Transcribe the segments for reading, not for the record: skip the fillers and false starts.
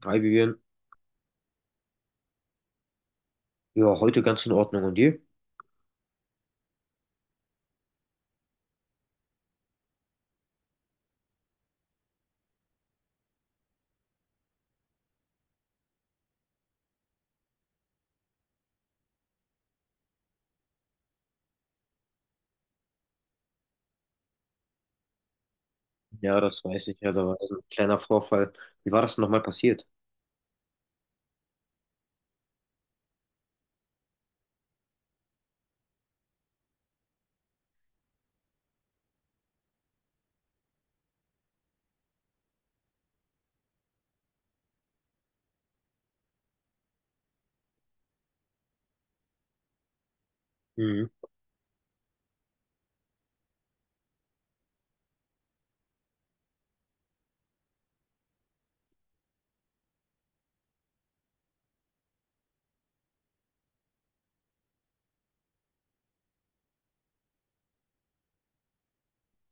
Drei gegeben. Ja, heute ganz in Ordnung. Und dir? Ja, das weiß ich. Ja, da war so ein kleiner Vorfall. Wie war das denn nochmal passiert? Mhm.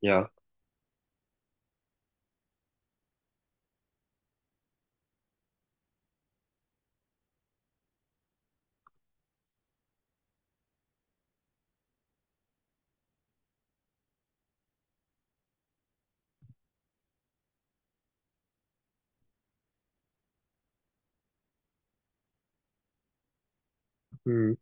Ja. Mhm.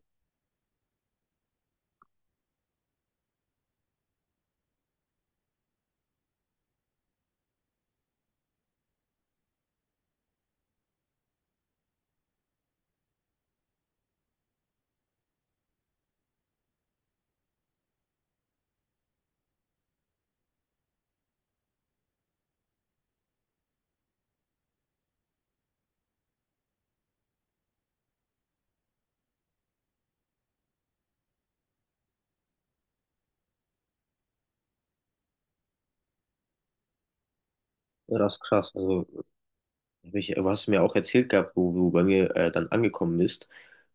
Ja, das ist krass. Also hab ich, aber hast du mir auch erzählt gehabt, wo du bei mir dann angekommen bist.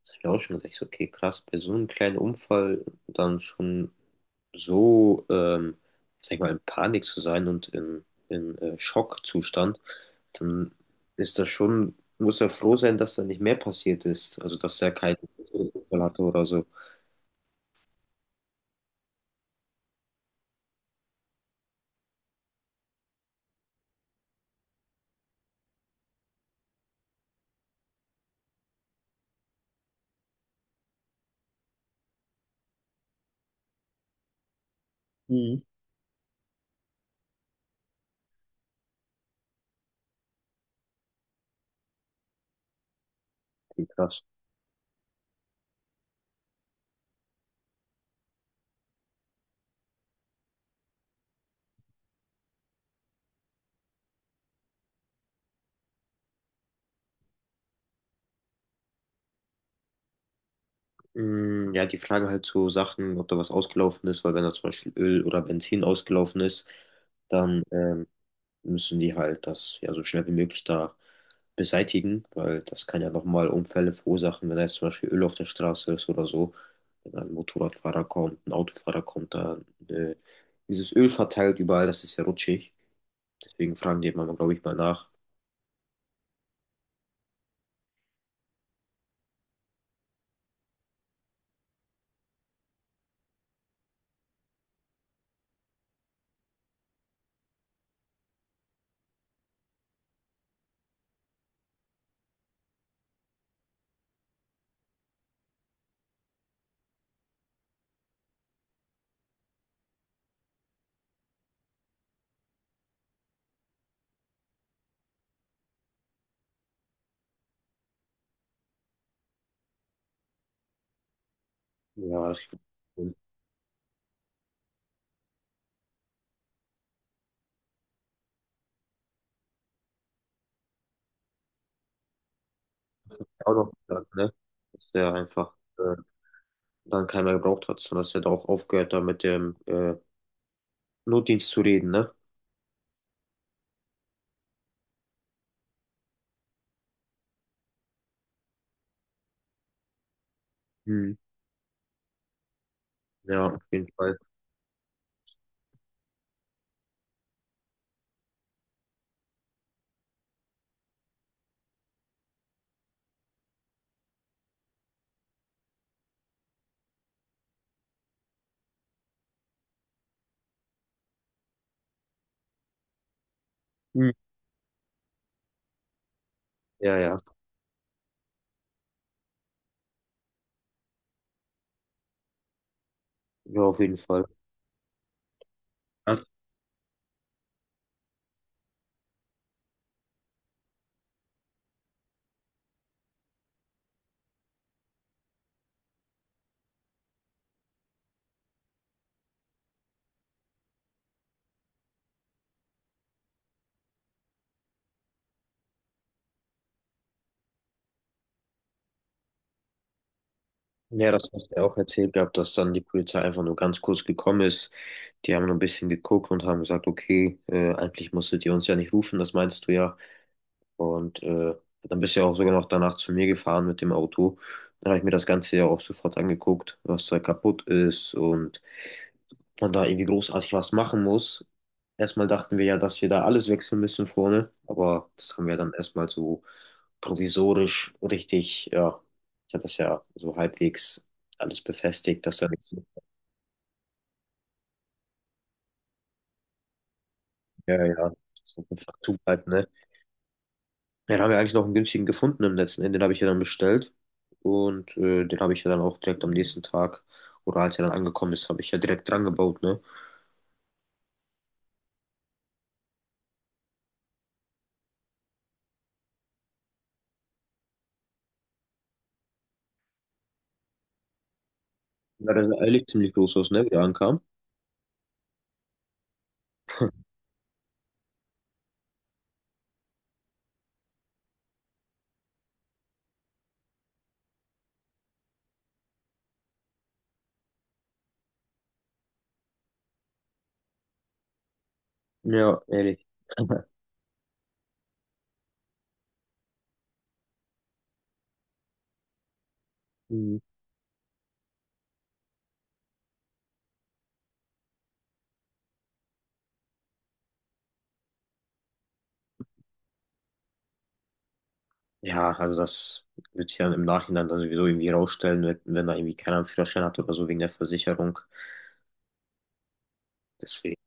Das hab ich auch schon gedacht, ich so, okay, krass, bei so einem kleinen Unfall dann schon so, sag ich mal, in Panik zu sein und in Schockzustand, dann ist das schon, muss er froh sein, dass da nicht mehr passiert ist. Also, dass er keinen Unfall hatte oder so. Mhm. Okay, krass. Mm, ja, die Frage halt zu Sachen, ob da was ausgelaufen ist, weil wenn da zum Beispiel Öl oder Benzin ausgelaufen ist, dann müssen die halt das ja so schnell wie möglich da beseitigen, weil das kann ja nochmal Unfälle verursachen, wenn da jetzt zum Beispiel Öl auf der Straße ist oder so. Wenn ein Motorradfahrer kommt, ein Autofahrer kommt, da äh, dieses Öl verteilt überall, das ist ja rutschig. Deswegen fragen die immer, glaube ich, mal nach. Ja, das ist auch noch gesagt, ne? Dass der einfach dann keiner gebraucht hat, sondern dass er da auch aufgehört, da mit dem Notdienst zu reden, ne? Hm. Ja, auf jeden Fall. Hm. Ja, ja, ja, auf jeden Fall. Ja, das hast du ja auch erzählt gehabt, dass dann die Polizei einfach nur ganz kurz gekommen ist. Die haben nur ein bisschen geguckt und haben gesagt, okay, eigentlich musstet ihr uns ja nicht rufen, das meinst du ja. Und dann bist du ja auch sogar noch danach zu mir gefahren mit dem Auto. Dann habe ich mir das Ganze ja auch sofort angeguckt, was da kaputt ist und man da irgendwie großartig was machen muss. Erstmal dachten wir ja, dass wir da alles wechseln müssen vorne, aber das haben wir dann erstmal so provisorisch richtig, ja, ich habe das ja so halbwegs alles befestigt, dass da nichts. Ja, ja, so einfach zubleibt, ne? Ja, dann haben wir eigentlich noch einen günstigen gefunden im letzten Ende, den habe ich ja dann bestellt und den habe ich ja dann auch direkt am nächsten Tag oder als er dann angekommen ist, habe ich ja direkt dran gebaut, ne? Ja, der sah ehrlich ziemlich groß aus, ne, wie er ankam. Ja, ehrlich. Mhm. Ja, also das wird sich dann im Nachhinein dann sowieso irgendwie rausstellen, wenn da irgendwie keiner einen Führerschein hat oder so wegen der Versicherung. Deswegen,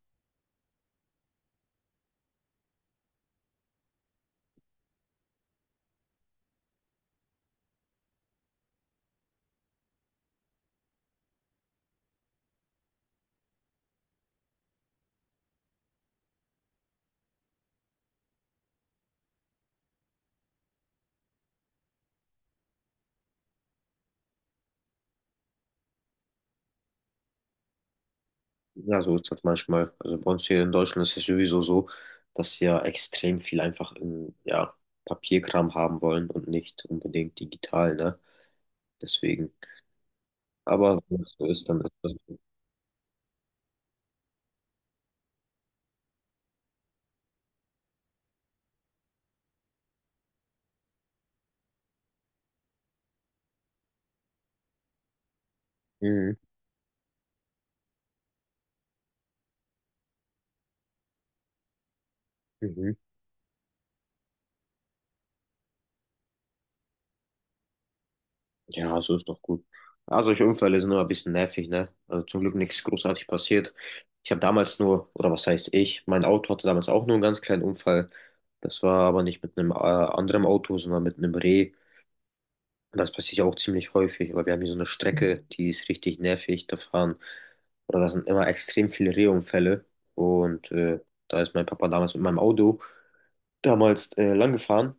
ja, so ist das manchmal. Also bei uns hier in Deutschland ist es sowieso so, dass sie ja extrem viel einfach im, ja, Papierkram haben wollen und nicht unbedingt digital, ne? Deswegen. Aber wenn es so ist, dann ist das so. Mhm. Mhm. Ja, so ist doch gut. Ja, solche Unfälle sind nur ein bisschen nervig, ne? Also zum Glück nichts großartig passiert. Ich habe damals nur, oder was heißt ich, mein Auto hatte damals auch nur einen ganz kleinen Unfall. Das war aber nicht mit einem anderen Auto, sondern mit einem Reh. Und das passiert ja auch ziemlich häufig, weil wir haben hier so eine Strecke, die ist richtig nervig. Da fahren, oder da sind immer extrem viele Rehunfälle. Und da ist mein Papa damals mit meinem Auto damals lang gefahren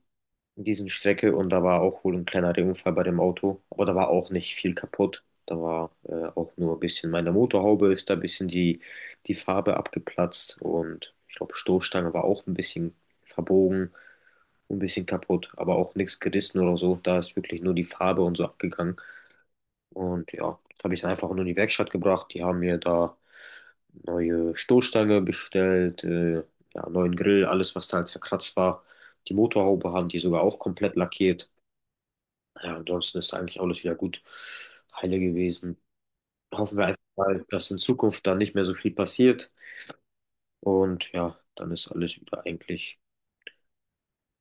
diesen Strecke und da war auch wohl ein kleiner Unfall bei dem Auto, aber da war auch nicht viel kaputt. Da war auch nur ein bisschen meine Motorhaube ist da ein bisschen die Farbe abgeplatzt und ich glaube Stoßstange war auch ein bisschen verbogen, ein bisschen kaputt, aber auch nichts gerissen oder so. Da ist wirklich nur die Farbe und so abgegangen. Und ja, habe ich dann einfach nur in die Werkstatt gebracht. Die haben mir da neue Stoßstange bestellt, ja, neuen Grill, alles was da halt zerkratzt war. Die Motorhaube haben die sogar auch komplett lackiert. Ja, ansonsten ist eigentlich alles wieder gut heile gewesen. Hoffen wir einfach mal, dass in Zukunft da nicht mehr so viel passiert. Und ja, dann ist alles wieder eigentlich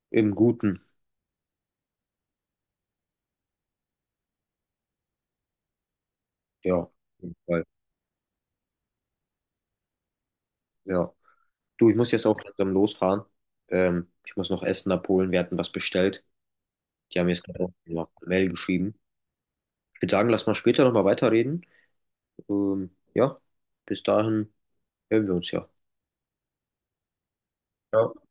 im Guten. Ja, auf jeden Fall. Ja. Du, ich muss jetzt auch langsam losfahren. Ich muss noch Essen abholen. Wir hatten was bestellt. Die haben mir jetzt gerade auch noch eine Mail geschrieben. Ich würde sagen, lass mal später nochmal weiterreden. Ja, bis dahin hören wir uns ja. Ja.